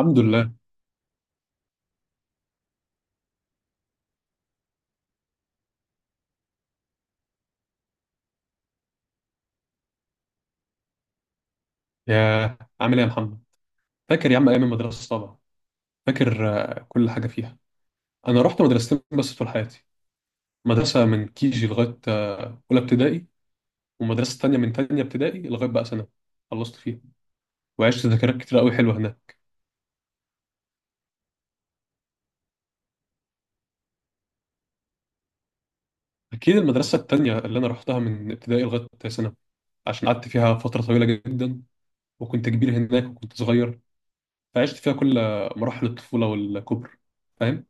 الحمد لله. يا عامل ايه يا محمد؟ فاكر يا عم ايام المدرسه طبعا. فاكر. آه، كل حاجه فيها. انا رحت مدرستين بس طول حياتي. مدرسه من كيجي لغايه اولى ابتدائي. ومدرسه تانية من تانية ابتدائي لغايه بقى سنه خلصت فيها. وعشت ذكريات كتير قوي حلوه هناك. اكيد المدرسه التانية اللي انا رحتها من ابتدائي لغايه سنه. عشان قعدت فيها فتره طويله جدا. وكنت كبير هناك وكنت صغير. فعشت فيها كل مراحل الطفوله والكبر. فاهم.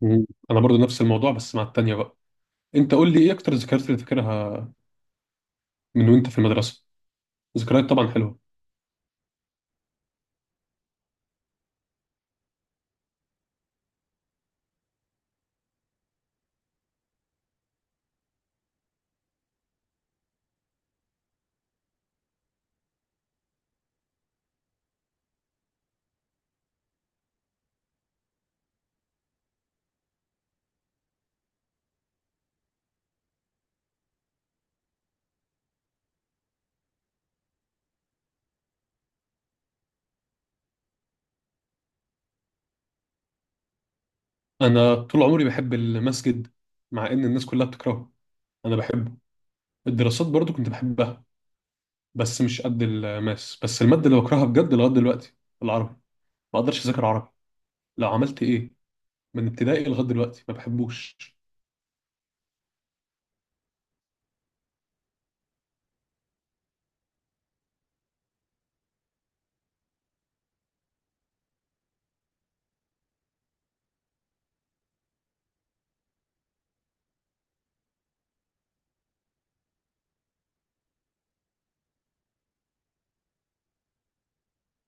مم. انا برضو نفس الموضوع بس مع التانية بقى. انت قول لي ايه اكتر الذكريات اللي فاكرها من وانت في المدرسة؟ ذكريات طبعا حلوة. أنا طول عمري بحب المسجد مع إن الناس كلها بتكرهه. أنا بحبه. الدراسات برضو كنت بحبها بس مش قد الماس. بس المادة اللي بكرهها بجد لغاية دلوقتي العربي. ما أقدرش أذاكر عربي لو عملت إيه. من ابتدائي لغاية دلوقتي ما بحبوش.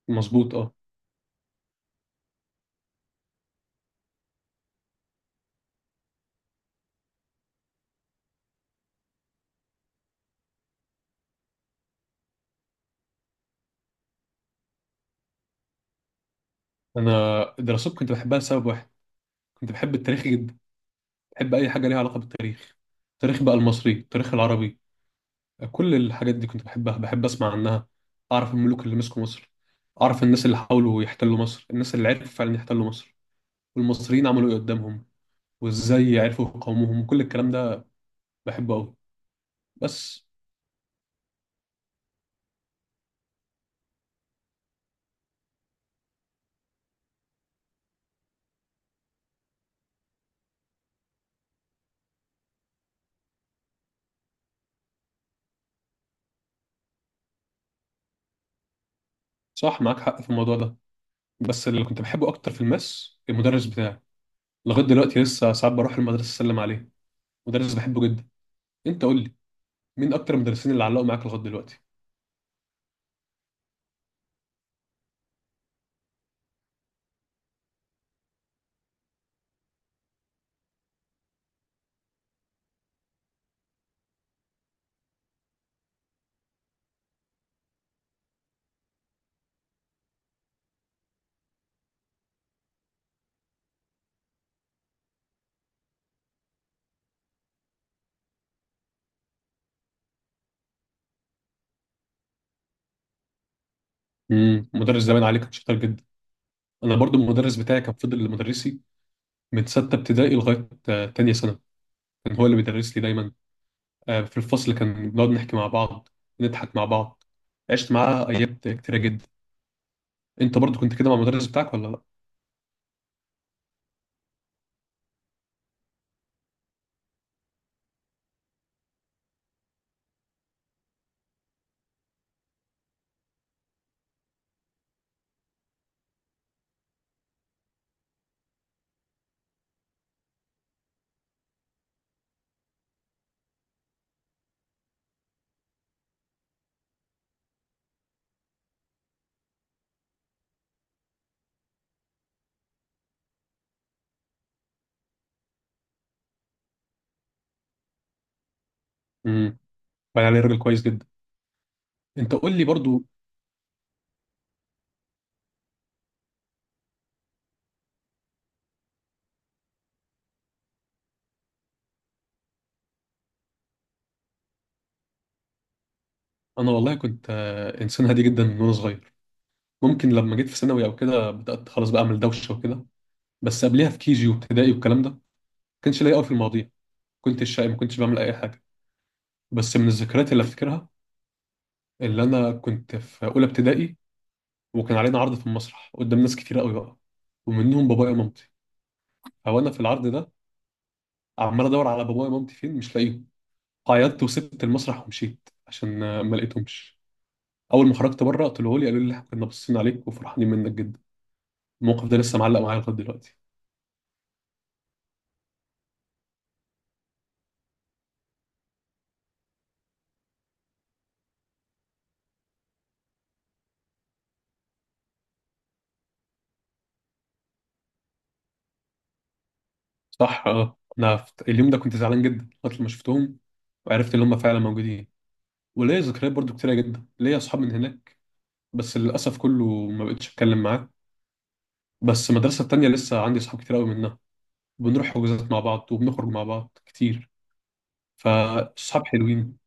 مظبوط أه. أنا الدراسات كنت بحبها لسبب واحد. كنت بحب التاريخ جدا. بحب أي حاجة ليها علاقة بالتاريخ. التاريخ بقى المصري التاريخ العربي، كل الحاجات دي كنت بحبها. بحب اسمع عنها. اعرف الملوك اللي مسكوا مصر. اعرف الناس اللي حاولوا يحتلوا مصر، الناس اللي عرفوا فعلا يحتلوا مصر والمصريين عملوا ايه قدامهم. وازاي عرفوا يقاوموهم، كل الكلام ده بحبه قوي. بس صح معاك حق في الموضوع ده. بس اللي كنت بحبه اكتر في الماس المدرس بتاعي. لغايه دلوقتي لسه ساعات بروح المدرسه اسلم عليه. مدرس بحبه جدا. انت قول لي مين اكتر المدرسين اللي علقوا معاك لغايه دلوقتي؟ مدرس زمان عليه كان شاطر جدا. انا برضو المدرس بتاعي كان فضل مدرسي من سته ابتدائي لغايه تانية ثانوي. كان هو اللي بيدرس لي دايما. في الفصل كان بنقعد نحكي مع بعض. نضحك مع بعض. عشت معاه ايام كتيره جدا. انت برضو كنت كده مع المدرس بتاعك ولا لا؟ امم بقى عليه راجل كويس جدا. انت قول لي برضو. انا والله كنت انسان هادي جدا من وانا صغير. ممكن لما جيت في ثانوي او كده بدات خلاص بقى اعمل دوشه وكده. بس قبلها في كيجي وابتدائي والكلام ده ما كانش ليا قوي في المواضيع. كنت شقي ما كنتش بعمل اي حاجه. بس من الذكريات اللي افتكرها، اللي انا كنت في اولى ابتدائي وكان علينا عرض في المسرح قدام ناس كتير قوي بقى، ومنهم بابايا ومامتي. هو انا في العرض ده عمال ادور على بابايا ومامتي فين مش لاقيهم. عيطت وسبت المسرح ومشيت عشان ما لقيتهمش. اول ما خرجت بره طلعوا لي قالوا لي احنا كنا باصين عليك وفرحانين منك جدا. الموقف ده لسه معلق معايا لغايه دلوقتي. صح اه. انا اليوم ده كنت زعلان جدا لغايه لما شفتهم وعرفت ان هم فعلا موجودين. وليا ذكريات برضو كتيره جدا، ليا اصحاب من هناك بس للاسف كله ما بقتش اتكلم معاه. بس المدرسه التانيه لسه عندي اصحاب كتير قوي منها. بنروح حجوزات مع بعض وبنخرج مع بعض كتير. فاصحاب حلوين.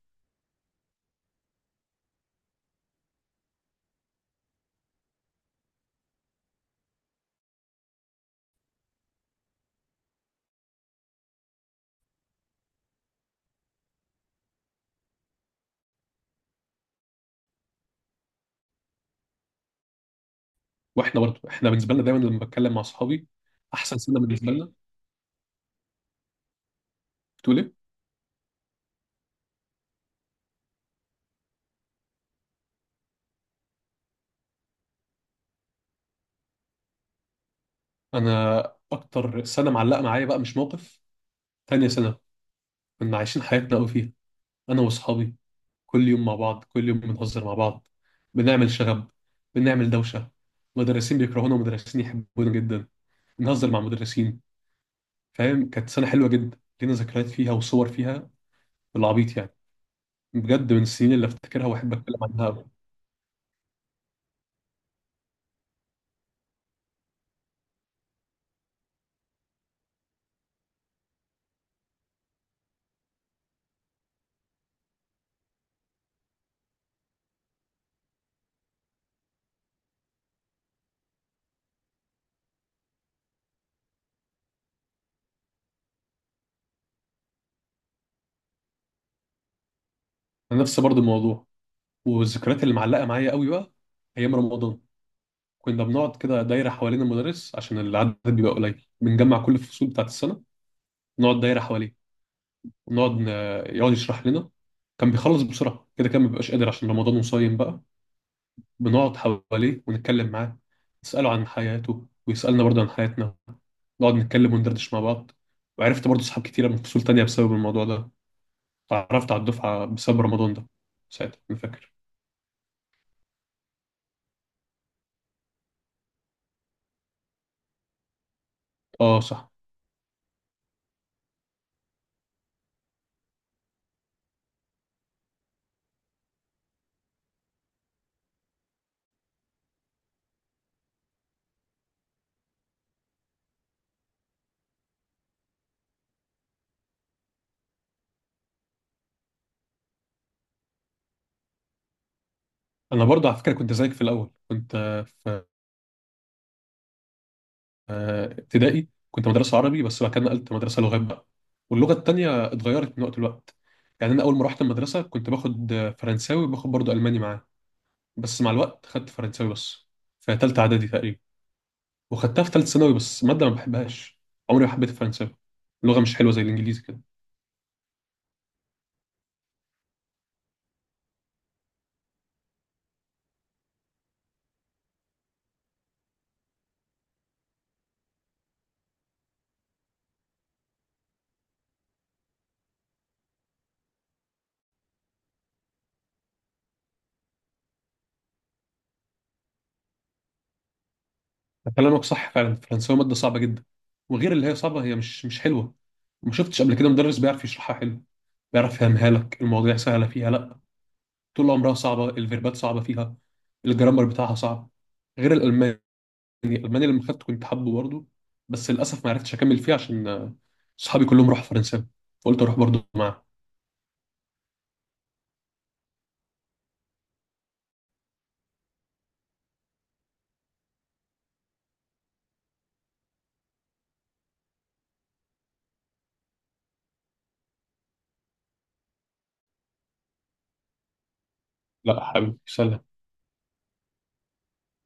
واحنا برضه احنا بالنسبه لنا دايما لما بتكلم مع اصحابي احسن سنه بالنسبه لنا. بتقول ايه؟ انا اكتر سنه معلقه معايا بقى مش موقف. تانية سنه كنا عايشين حياتنا قوي فيها. انا واصحابي كل يوم مع بعض، كل يوم بنهزر مع بعض. بنعمل شغب. بنعمل دوشه. مدرسين بيكرهونا ومدرسين يحبونا جدا. بنهزر مع مدرسين. فاهم كانت سنه حلوه جدا لينا ذكريات فيها وصور فيها بالعبيط يعني. بجد من السنين اللي افتكرها واحب اتكلم عنها قوي. انا نفس برضه الموضوع. والذكريات اللي معلقه معايا قوي بقى ايام رمضان. كنا بنقعد كده دايرة حوالين المدرس عشان العدد بيبقى قليل، بنجمع كل الفصول بتاعت السنة نقعد دايرة حواليه. ونقعد ن- يقعد يشرح لنا. كان بيخلص بسرعة كده، كان مبيبقاش قادر عشان رمضان وصايم بقى. بنقعد حواليه ونتكلم معاه. نسأله عن حياته ويسألنا برضه عن حياتنا. نقعد نتكلم وندردش مع بعض. وعرفت برضه صحاب كتيرة من فصول تانية بسبب الموضوع ده. اتعرفت على الدفعة بسبب رمضان ده ساعتها أنا فاكر. اه صح. أنا برضه على فكرة كنت زيك في الأول كنت ابتدائي كنت مدرسة عربي. بس بعد كده نقلت مدرسة لغات بقى. واللغة التانية اتغيرت من وقت لوقت. يعني أنا أول ما رحت المدرسة كنت باخد فرنساوي وباخد برضه ألماني معاه. بس مع الوقت خدت فرنساوي بس، في تالتة إعدادي تقريبا. وخدتها في تالتة ثانوي بس مادة ما بحبهاش. عمري ما حبيت الفرنساوي. اللغة مش حلوة زي الإنجليزي كده. كلامك صح فعلا، الفرنساوي مادة صعبة جدا. وغير اللي هي صعبة هي مش حلوة. ما شفتش قبل كده مدرس بيعرف يشرحها حلو، بيعرف يفهمها لك المواضيع سهلة فيها لا. طول عمرها صعبه، الفيربات صعبه فيها، الجرامر بتاعها صعب. غير الالماني. الالماني لما خدته كنت حابه برضه. بس للاسف ما عرفتش اكمل فيه عشان صحابي كلهم راحوا فرنسا فقلت اروح برضه معاهم. لا حبيبي سلام.